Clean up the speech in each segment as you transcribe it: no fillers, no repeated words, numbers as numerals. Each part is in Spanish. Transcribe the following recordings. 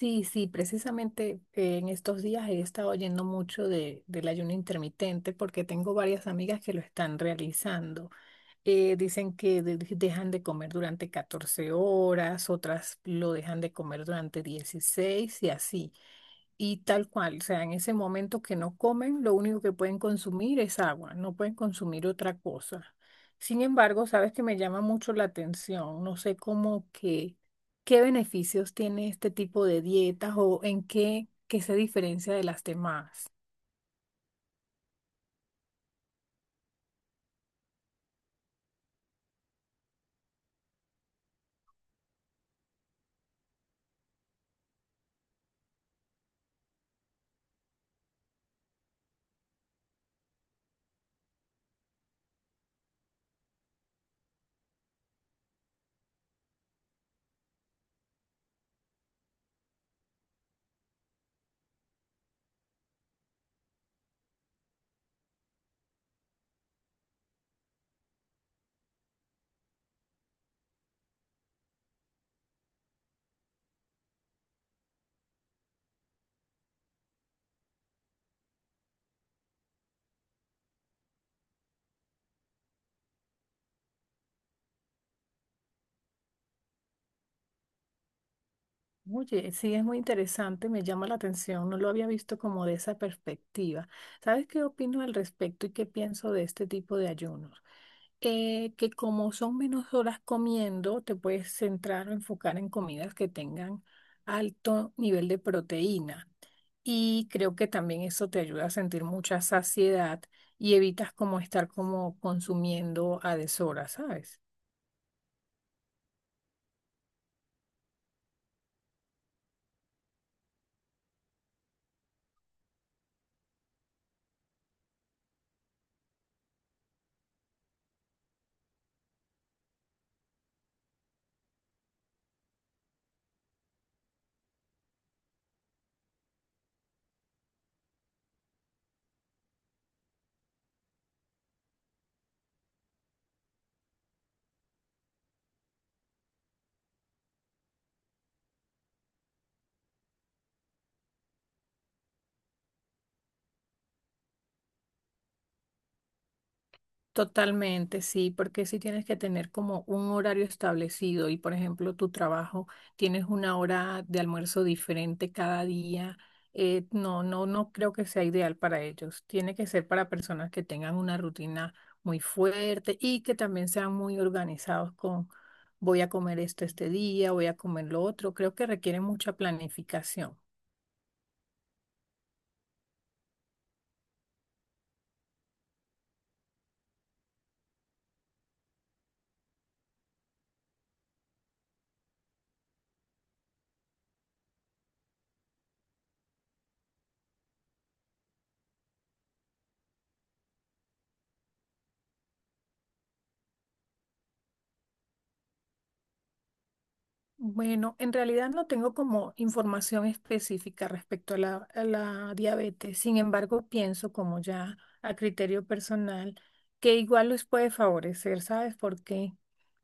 Sí, sí, precisamente, en estos días he estado oyendo mucho del ayuno intermitente porque tengo varias amigas que lo están realizando. Dicen que dejan de comer durante 14 horas, otras lo dejan de comer durante 16 y así. Y tal cual, o sea, en ese momento que no comen, lo único que pueden consumir es agua, no pueden consumir otra cosa. Sin embargo, sabes que me llama mucho la atención, no sé cómo que, qué beneficios tiene este tipo de dietas o en qué se diferencia de las demás. Oye, sí, es muy interesante, me llama la atención, no lo había visto como de esa perspectiva. ¿Sabes qué opino al respecto y qué pienso de este tipo de ayunos? Que como son menos horas comiendo, te puedes centrar o enfocar en comidas que tengan alto nivel de proteína. Y creo que también eso te ayuda a sentir mucha saciedad y evitas como estar como consumiendo a deshora, ¿sabes? Totalmente, sí, porque si tienes que tener como un horario establecido y, por ejemplo, tu trabajo tienes una hora de almuerzo diferente cada día, no, no, no creo que sea ideal para ellos. Tiene que ser para personas que tengan una rutina muy fuerte y que también sean muy organizados con voy a comer esto este día, voy a comer lo otro. Creo que requiere mucha planificación. Bueno, en realidad no tengo como información específica respecto a la diabetes. Sin embargo, pienso como ya a criterio personal que igual les puede favorecer, ¿sabes? Porque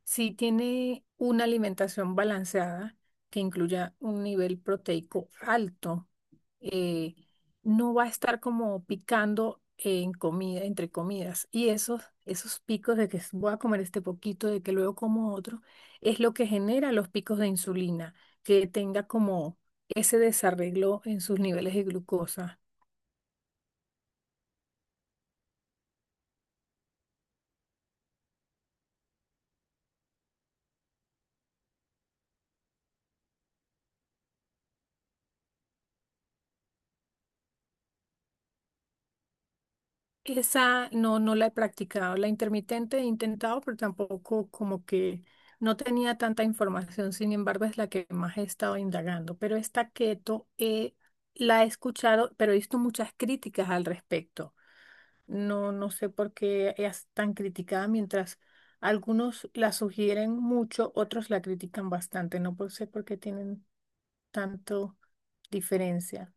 si tiene una alimentación balanceada que incluya un nivel proteico alto, eh, no va a estar como picando en comida, entre comidas. Y esos picos de que voy a comer este poquito, de que luego como otro es lo que genera los picos de insulina, que tenga como ese desarreglo en sus niveles de glucosa. Esa no, no la he practicado, la intermitente he intentado, pero tampoco como que no tenía tanta información, sin embargo es la que más he estado indagando, pero esta keto, la he escuchado, pero he visto muchas críticas al respecto. No, no sé por qué es tan criticada mientras... Algunos la sugieren mucho, otros la critican bastante. No por- Sé por qué tienen tanto diferencia.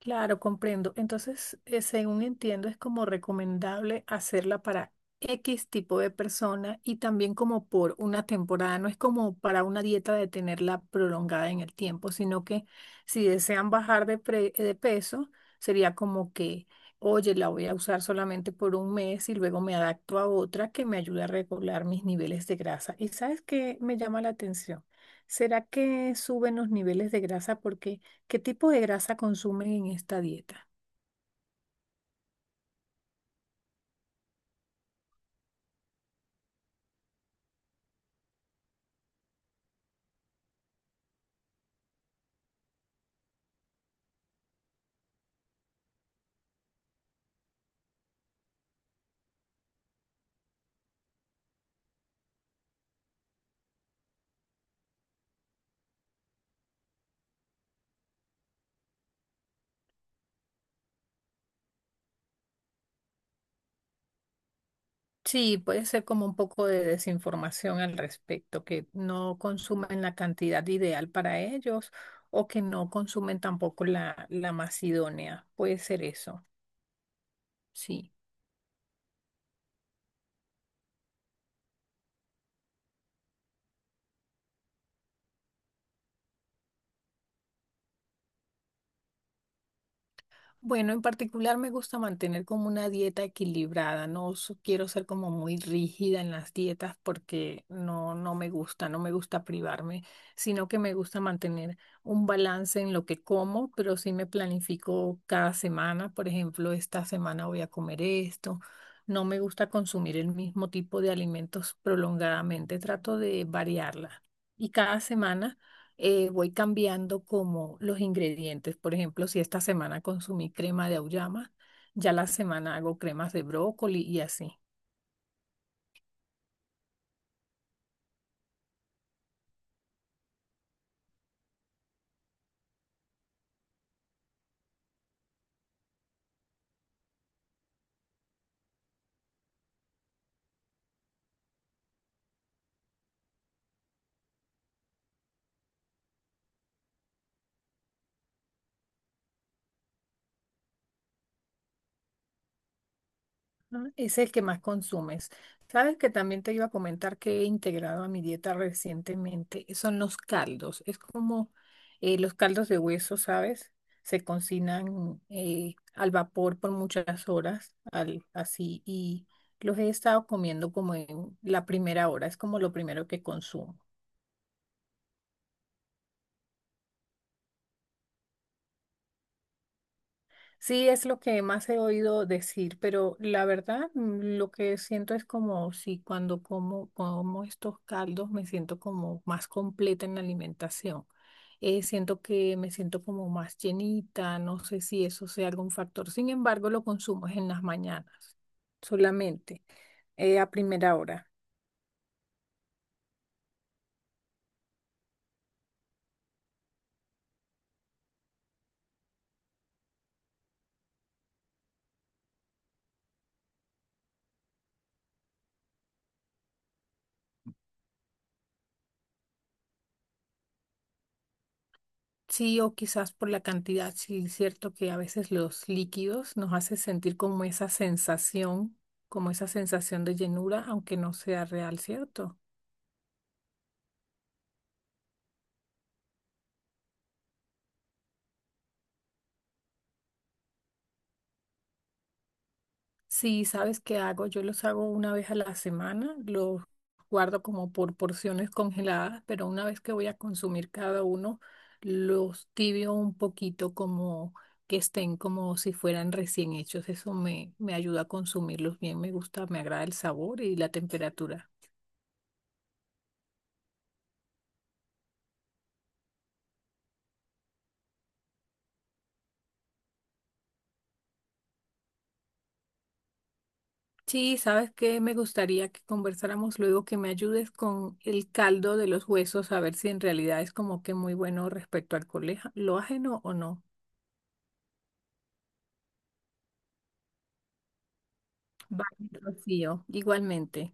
Claro, comprendo. Entonces, según entiendo, es como recomendable hacerla para X tipo de persona y también como por una temporada. No es como para una dieta de tenerla prolongada en el tiempo, sino que si desean bajar de peso, sería como que, oye, la voy a usar solamente por un mes y luego me adapto a otra que me ayude a regular mis niveles de grasa. ¿Y sabes qué me llama la atención? ¿Será que suben los niveles de grasa porque... ¿Qué tipo de grasa consumen en esta dieta? Sí, puede ser como un poco de desinformación al respecto, que no consumen la cantidad ideal para ellos o que no consumen tampoco la más idónea. Puede ser eso, sí. Bueno, en particular me gusta mantener como una dieta equilibrada, no quiero ser como muy rígida en las dietas porque no, no me gusta, no me gusta privarme, sino que me gusta mantener un balance en lo que como, pero sí me planifico cada semana, por ejemplo, esta semana voy a comer esto, no me gusta consumir el mismo tipo de alimentos prolongadamente, trato de variarla. Y cada semana voy cambiando como los ingredientes. Por ejemplo, si esta semana consumí crema de auyama, ya la semana hago cremas de brócoli y así. ¿No? Ese es el que más consumes. Sabes que también te iba a comentar que he integrado a mi dieta recientemente, son los caldos. Es como los caldos de hueso, ¿sabes? Se cocinan al vapor por muchas horas, al, así, y los he estado comiendo como en la primera hora, es como lo primero que consumo. Sí, es lo que más he oído decir, pero la verdad, lo que siento es como si cuando como, como estos caldos me siento como más completa en la alimentación. Siento que me siento como más llenita, no sé si eso sea algún factor. Sin embargo, lo consumo es en las mañanas, solamente, a primera hora. Sí, o quizás por la cantidad, sí, es cierto que a veces los líquidos nos hace sentir como esa sensación de llenura, aunque no sea real, ¿cierto? Sí, ¿sabes qué hago? Yo los hago una vez a la semana, los guardo como por porciones congeladas, pero una vez que voy a consumir cada uno, los tibio un poquito como que estén como si fueran recién hechos. Eso me ayuda a consumirlos bien, me gusta, me agrada el sabor y la temperatura. Sí, sabes que me gustaría que conversáramos luego, que me ayudes con el caldo de los huesos, a ver si en realidad es como que muy bueno respecto al lo ajeno o no. Vale, Rocío, igualmente.